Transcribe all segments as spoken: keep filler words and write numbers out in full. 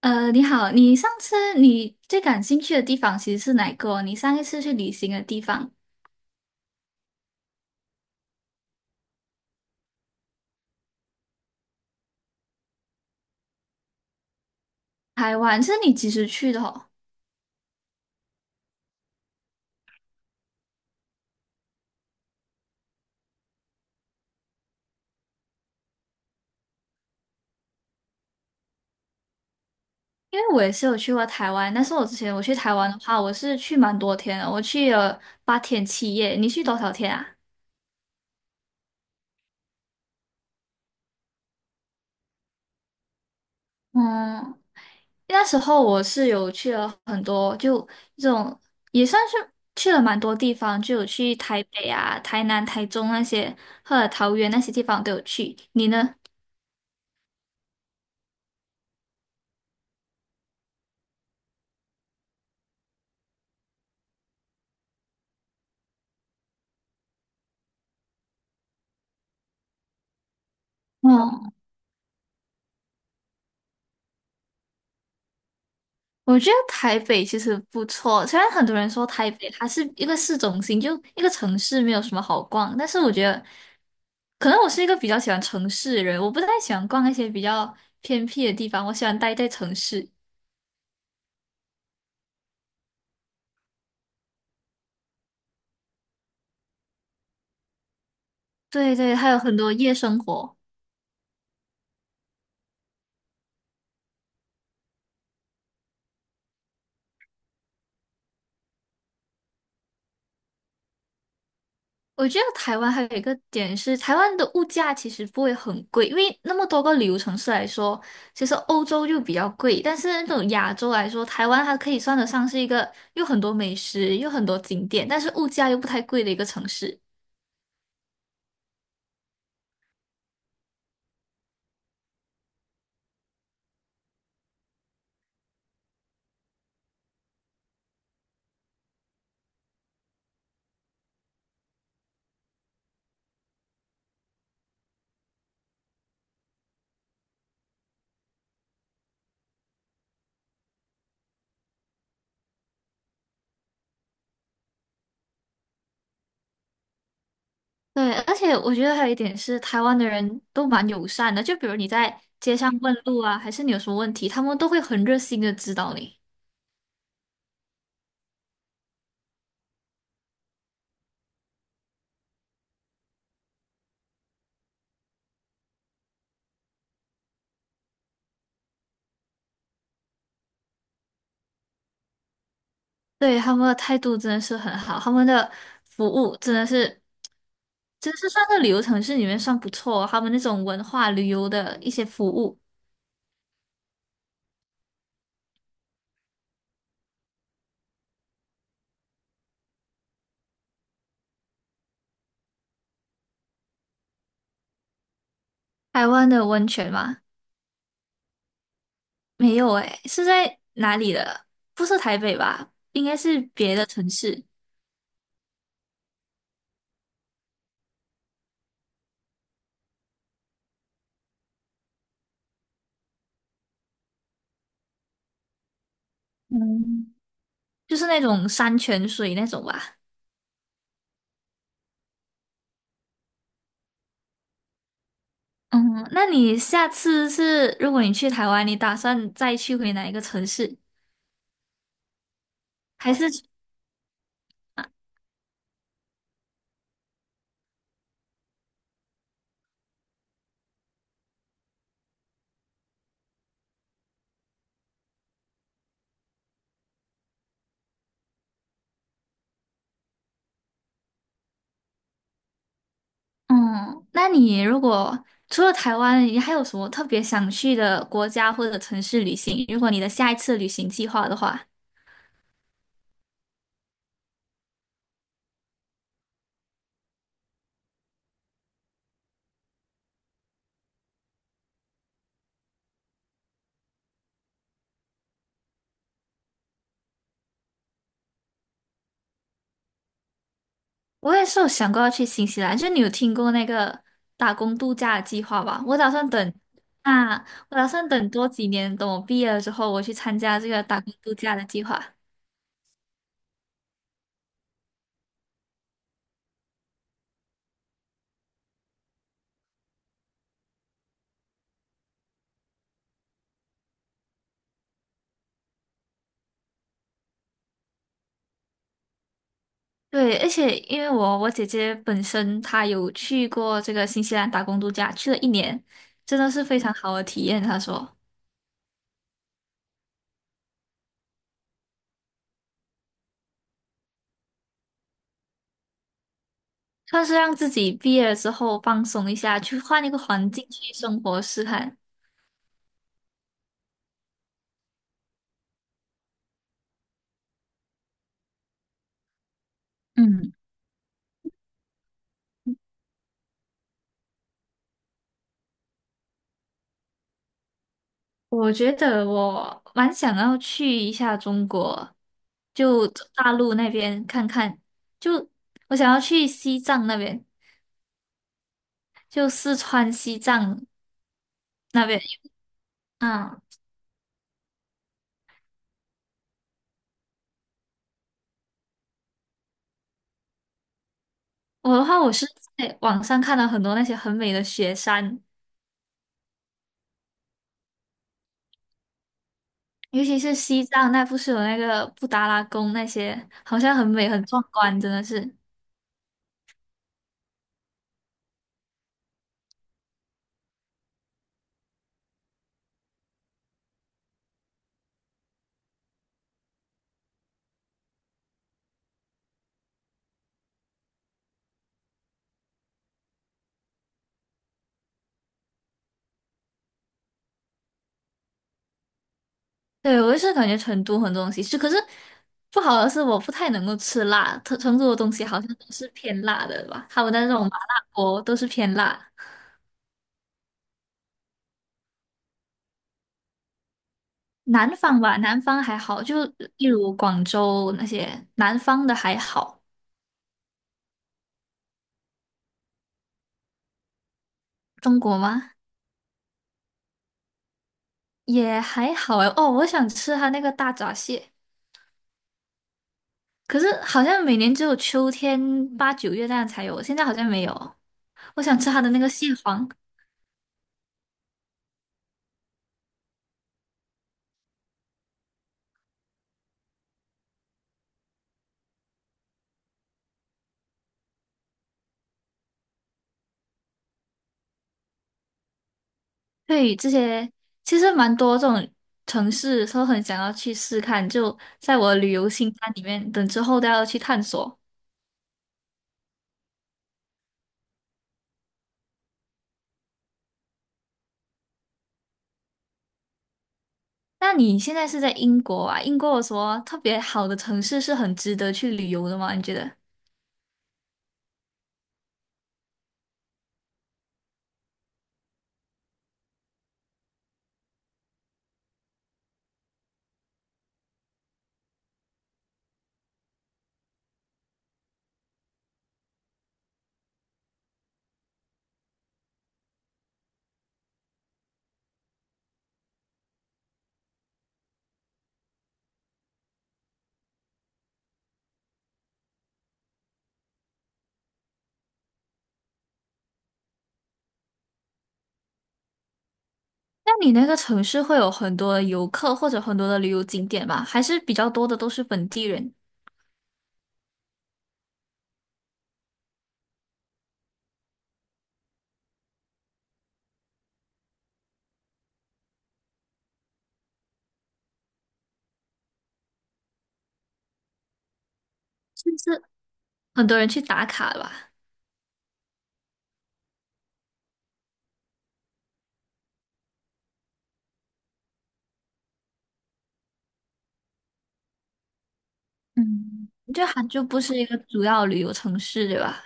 呃，你好，你上次你最感兴趣的地方其实是哪个哦你上一次去旅行的地方，台湾，是你几时去的哦？因为我也是有去过台湾，但是我之前我去台湾的话，我是去蛮多天的，我去了八天七夜。你去多少天啊？嗯，那时候我是有去了很多，就这种也算是去了蛮多地方，就有去台北啊、台南、台中那些，或者桃园那些地方都有去。你呢？嗯。我觉得台北其实不错，虽然很多人说台北它是一个市中心，就一个城市没有什么好逛，但是我觉得，可能我是一个比较喜欢城市的人，我不太喜欢逛那些比较偏僻的地方，我喜欢待在城市。对对，还有很多夜生活。我觉得台湾还有一个点是，台湾的物价其实不会很贵，因为那么多个旅游城市来说，其实欧洲就比较贵，但是那种亚洲来说，台湾它可以算得上是一个有很多美食、有很多景点，但是物价又不太贵的一个城市。对，而且我觉得还有一点是，台湾的人都蛮友善的，就比如你在街上问路啊，还是你有什么问题，他们都会很热心的指导你。对，他们的态度真的是很好，他们的服务真的是。真是算在旅游城市里面算不错哦他们那种文化旅游的一些服务。台湾的温泉吗？没有诶，是在哪里的？不是台北吧？应该是别的城市，嗯，就是那种山泉水那种吧。嗯，那你下次是，如果你去台湾，你打算再去回哪一个城市？还是，嗯，那你如果除了台湾，你还有什么特别想去的国家或者城市旅行？如果你的下一次旅行计划的话。我也是有想过要去新西兰，就你有听过那个打工度假的计划吧？我打算等啊，我打算等多几年，等我毕业了之后，我去参加这个打工度假的计划。对，而且因为我我姐姐本身她有去过这个新西兰打工度假，去了一年，真的是非常好的体验。她说，算是让自己毕业了之后放松一下，去换一个环境去生活试看。嗯。我觉得我蛮想要去一下中国，就大陆那边看看。就我想要去西藏那边，就四川西藏那边。嗯，我的话，我是在网上看到很多那些很美的雪山，尤其是西藏那，不是有那个布达拉宫那些，好像很美很壮观，真的是。对，我也是感觉成都很多东西吃，可是不好的是我不太能够吃辣，成成都的东西好像都是偏辣的吧，他们的那种麻辣锅都是偏辣。南方吧，南方还好，就例如广州那些南方的还好，中国吗？也还好哎。哦，我想吃它那个大闸蟹，可是好像每年只有秋天八九月那样才有，现在好像没有。我想吃它的那个蟹黄。对，这些其实蛮多这种城市，都很想要去试看，就在我的旅游清单里面，等之后都要去探索。那你现在是在英国啊？英国有什么特别好的城市是很值得去旅游的吗？你觉得？那你那个城市会有很多的游客或者很多的旅游景点吗？还是比较多的都是本地人，很多人去打卡的吧？嗯。就它就不是一个主要旅游城市，对吧？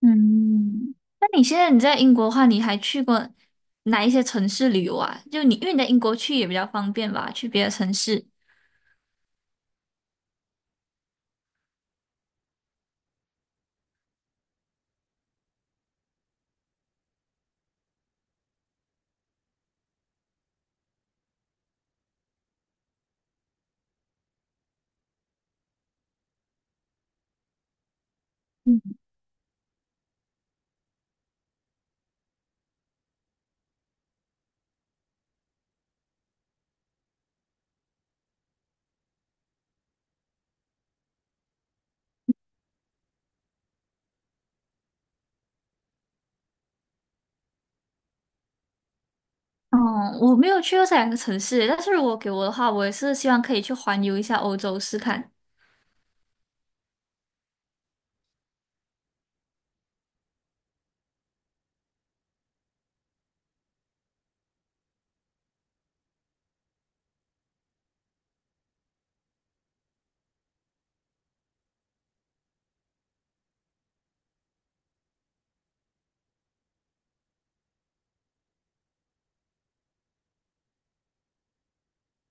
嗯，那你现在你在英国的话，你还去过哪一些城市旅游啊？就你，因为你在英国去也比较方便吧，去别的城市。哦，我没有去过这两个城市，但是如果给我的话，我也是希望可以去环游一下欧洲试看。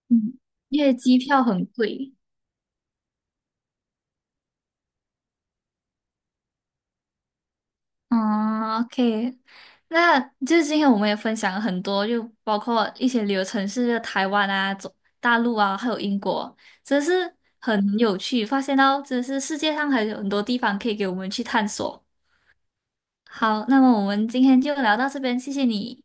嗯，因为机票很贵。嗯，OK，那就是今天我们也分享了很多，就包括一些旅游城市，就台湾啊、中大陆啊，还有英国，真是很有趣，发现到真是世界上还有很多地方可以给我们去探索。好，那么我们今天就聊到这边，谢谢你。